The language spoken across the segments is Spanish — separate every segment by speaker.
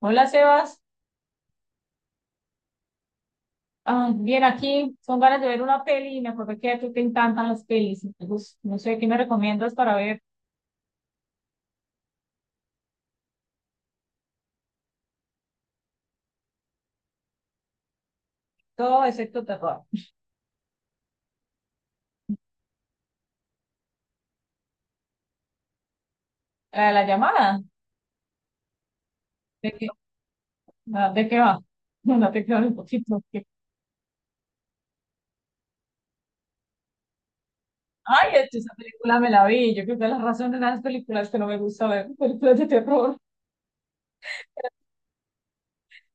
Speaker 1: Hola Sebas. Bien aquí, son ganas de ver una peli y me acordé que a ti te encantan las pelis, entonces no sé qué me recomiendas para ver todo excepto terror. La llamada, ¿de qué, de qué va? No te quedas un poquito. Ay, es que esa película me la vi, yo creo que es la razón de las películas que no me gusta ver, películas de terror.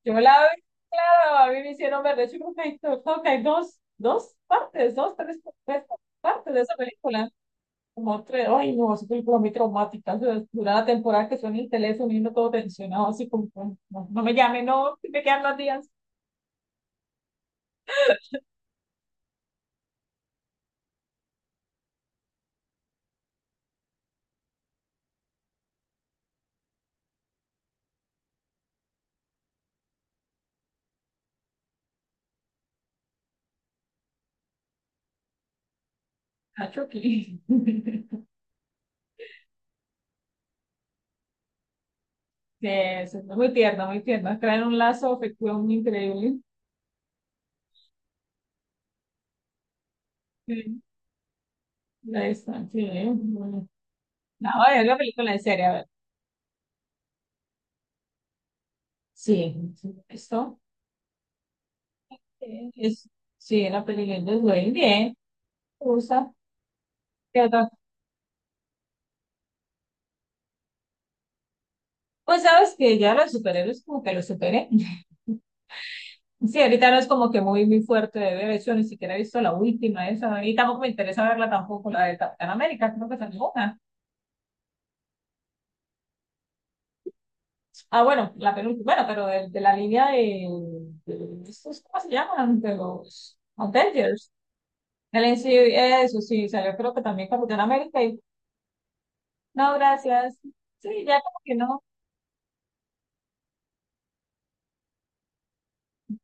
Speaker 1: Yo la vi, claro, a mí me hicieron ver, de hecho creo que hay 2, 2 partes, 2, 3, 3 partes de esa película. Como tres, ay no, esa película muy traumática. O sea, dura la temporada que suena el teléfono y uno todo tensionado, así como, como, no, no me llame, no, que me quedan 2 días. Ah, Chucky. Sí, eso es muy tierno, muy tierno. Traen un lazo afectivo muy increíble. Sí. Ahí está, sí. Bueno. No, es una película en serio, a ver. Sí, sí, esto es, sí, la película es Dwayne, bien, me ¿qué otra? Pues sabes que ya los superhéroes como que los superé. Sí, ahorita no es como que muy, muy fuerte de ver, de hecho, ni siquiera he visto la última, esa, y tampoco me interesa verla tampoco, la de Capitán América, creo que es una. Ah, bueno, la penúltima, bueno, pero de la línea de estos, ¿cómo se llaman? De los Avengers, el MCU, eso sí, o sea, yo creo que también Capitán América, y no, gracias, sí, ya como que no.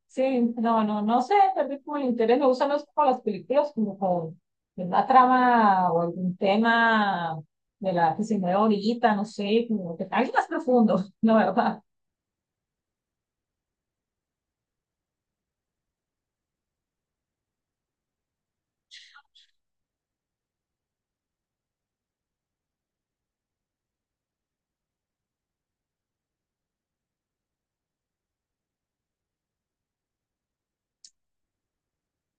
Speaker 1: Sí, no, no, no sé, tal vez como el interés me gustan los, como las películas como con una trama o algún tema de la que se mueve ahorita, no sé, como que algo más profundo, no, ¿verdad?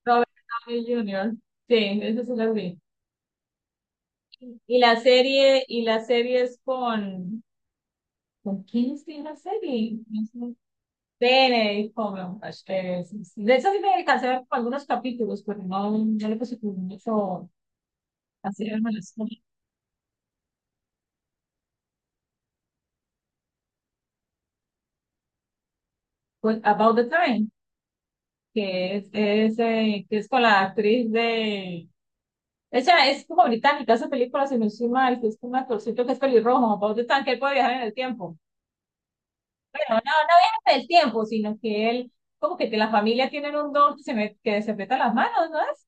Speaker 1: Robert Downey Jr. Sí, eso sí lo vi. Y la serie, es ¿con quién es que es la serie? No sé. Benedict Cumberbatch, sí, sí. De eso sí me alcancé a ver como algunos capítulos, pero no, no le puse como mucho a hacerme About the Time. Que es, que es con la actriz de... Ella es como británica, hace películas, si no estoy mal, que es como un actorcito que es pelirrojo, Paul de Tan, que él puede viajar en el tiempo. Bueno, no, no viaja en el tiempo, sino que él, como que la familia tienen un don que se, me, que se peta las manos, ¿no es?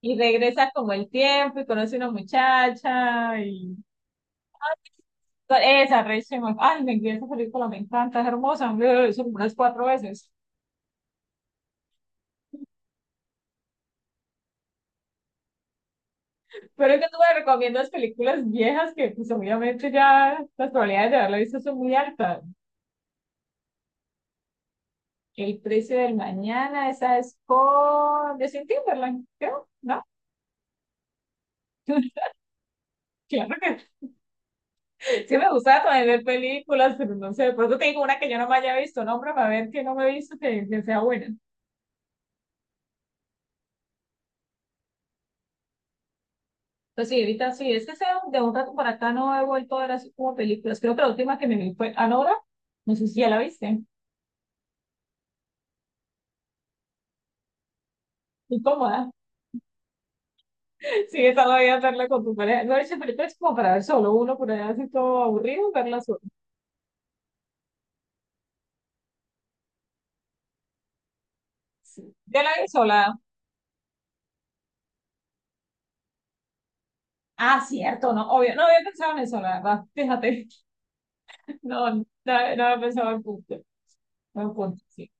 Speaker 1: Y regresa como el tiempo y conoce una muchacha y... Esa, Rachel, Mc- ay, me esa película, me encanta, es hermosa, me la he visto como unas 4 veces. Pero es que tú me recomiendas películas viejas que pues obviamente ya las probabilidades de haberla visto son muy altas. El precio del mañana, esa es con Justin Timberlake, creo, ¿no? Claro que sí me gusta también ver películas, pero no sé, por eso te digo una que yo no me haya visto, nombre para ver que no me he visto que sea buena. Entonces sí, ahorita sí, es que sea de un rato para acá no he vuelto a ver así como películas. Creo que la última que me vi fue Anora, no sé si ya la viste, incómoda. Sí, esa la voy a verla con tu pareja. No, esa película es como para ver solo uno, por allá así todo aburrido, verla sola. Sí. Ya la vi sola. Ah, cierto, no, obvio. No había pensado en eso, la verdad. Fíjate. No, no, no había pensado en punto. Buen punto, sí.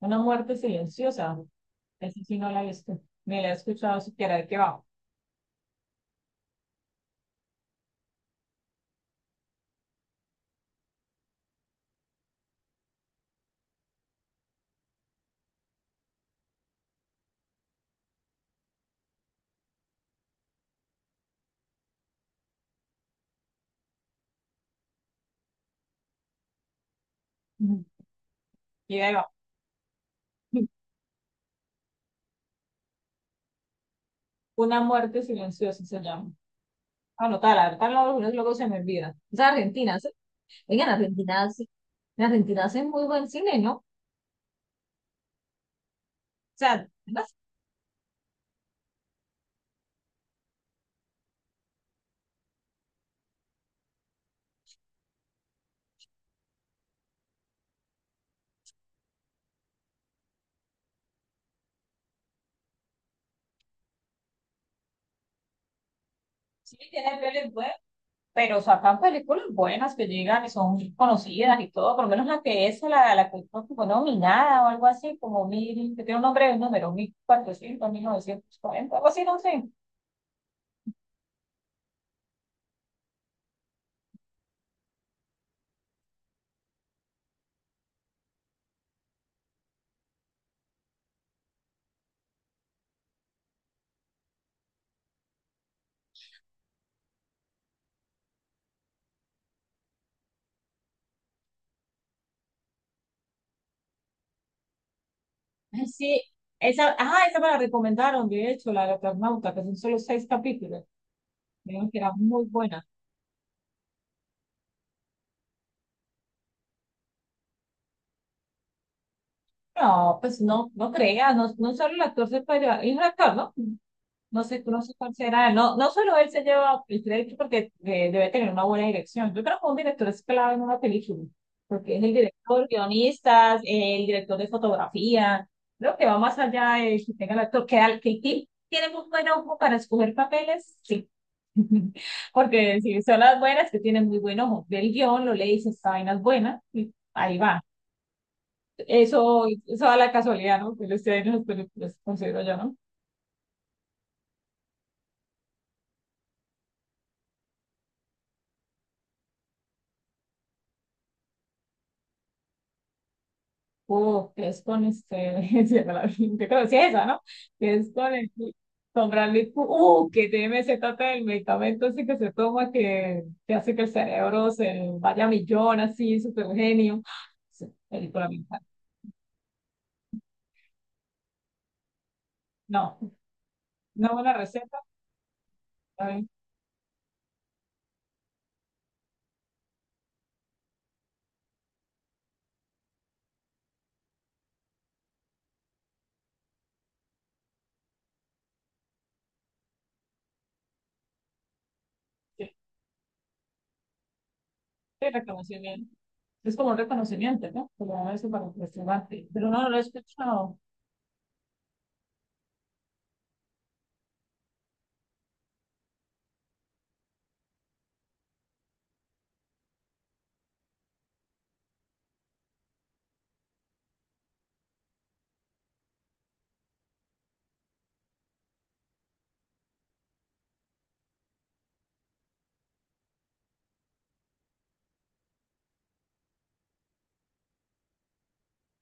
Speaker 1: Una muerte silenciosa. Esa sí no la he visto. Ni la he escuchado siquiera de qué va. Ujú. Y de ahí va. Una muerte silenciosa se llama. Anotar, ahorita luego luego se me olvida. Es Argentina. ¿Sí? Oigan, Argentina, en Argentina hacen muy buen cine, ¿no? O sea, sí, tiene pelis buenas, pero sacan películas buenas que llegan y son conocidas y todo, por lo menos la que es la que creo que fue como nominada o algo así, como mil, que tiene un nombre de un número, 1400, 1940 algo así, no sé. Ay, sí, esa, ajá, esa me la recomendaron, de hecho, la de Eternauta, que son solo 6 capítulos, me dijeron que era muy buena. No, pues no, no creas, no, no solo el actor se puede, es un actor, ¿no? No sé, no sé cuál será. No, no solo él se lleva el crédito porque debe tener una buena dirección. Yo creo que un director es clave en una película, porque es el director, guionistas, el director de fotografía. Creo que va más allá de que tenga el actor, que, al- que ti- tiene muy buen ojo para escoger papeles, sí. Porque si son las buenas, que tienen muy buen ojo. Ve el guión, lo lees, esta vaina es buena, y ahí va. Eso da la casualidad, ¿no? Que lo esté en las películas, considero yo, ¿no? Que es con este, se me la- yo creo que sí es esa, ¿no? Que es con el, con Bradley Coo- que tiene se trata del medicamento ese que se toma que hace que el cerebro se vaya a millón, así, súper genio. Sí, película me encanta. No, una buena receta, ¿saben? Sí, sí, reconocimiento. Es como un reconocimiento, ¿no? Como eso para el restaurante. Pero no, no lo he escuchado.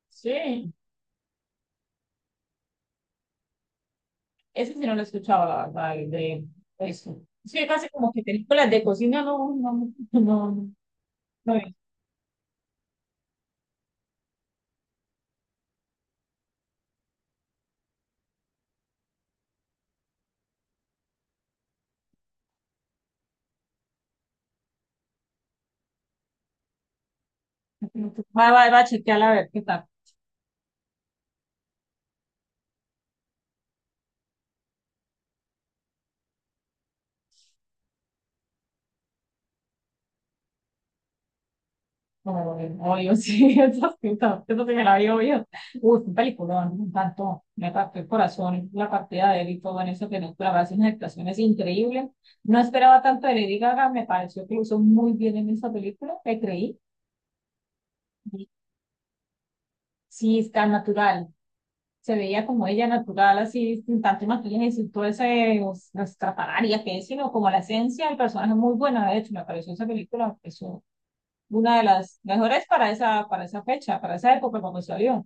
Speaker 1: Sí, ese sí no lo he escuchado, la verdad, el de eso. Es que casi como que películas de cocina no, no, no, no, no he visto. Va, va, va a chequearla a ver qué tal. No, obvio, sí, esas sí, eso sí me la vi, obvio. Uy, un peliculón, me encantó. Me partió el corazón, la partida de él y todo en esa película, va a ser unas actuaciones increíbles. No esperaba tanto de Lady Gaga, me pareció que lo hizo muy bien en esa película, me creí. Sí, está natural. Se veía como ella natural, así, sin tanto maquillaje, y sin todo ese, os- las estrafalarias que es, sino como la esencia del personaje muy buena, de hecho, me pareció esa película, es una de las mejores para esa fecha, para esa época cuando salió.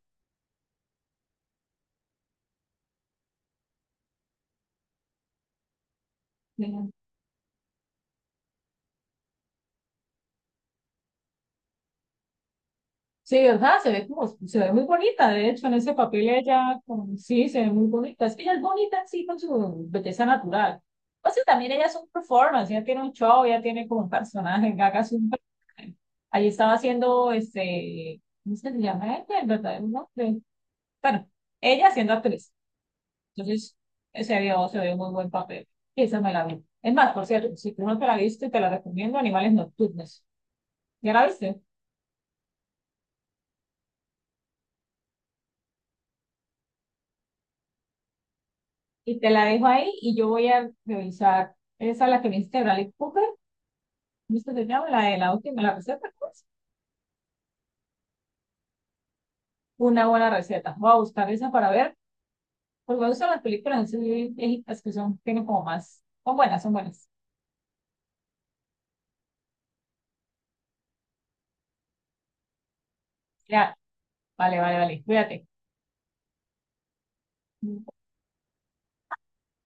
Speaker 1: Sí, ¿verdad? Se ve como, se ve muy bonita, de hecho, en ese papel ella, como, sí, se ve muy bonita. Es que ella es bonita sí con su belleza natural. Entonces también ella es un performance, ella tiene un show, ella tiene como un personaje, Gaga es un personaje. Ahí estaba haciendo, este, ¿cómo se le llama ella? El verdadero nombre. Bueno, ella siendo actriz. Entonces, se vio muy buen papel. Y esa me la vi. Es más, por cierto, si tú no te la viste, te la recomiendo, Animales Nocturnos. ¿Ya la viste? Y te la dejo ahí y yo voy a revisar esa la que me hiciste Bradley Cooper, ¿viste que se llama? La de la última, la receta, pues. Una buena receta. Voy a buscar esa para ver, porque me gustan las películas así viejitas que son, tienen como más, son buenas, son buenas. Ya, vale, vale, vale, cuídate.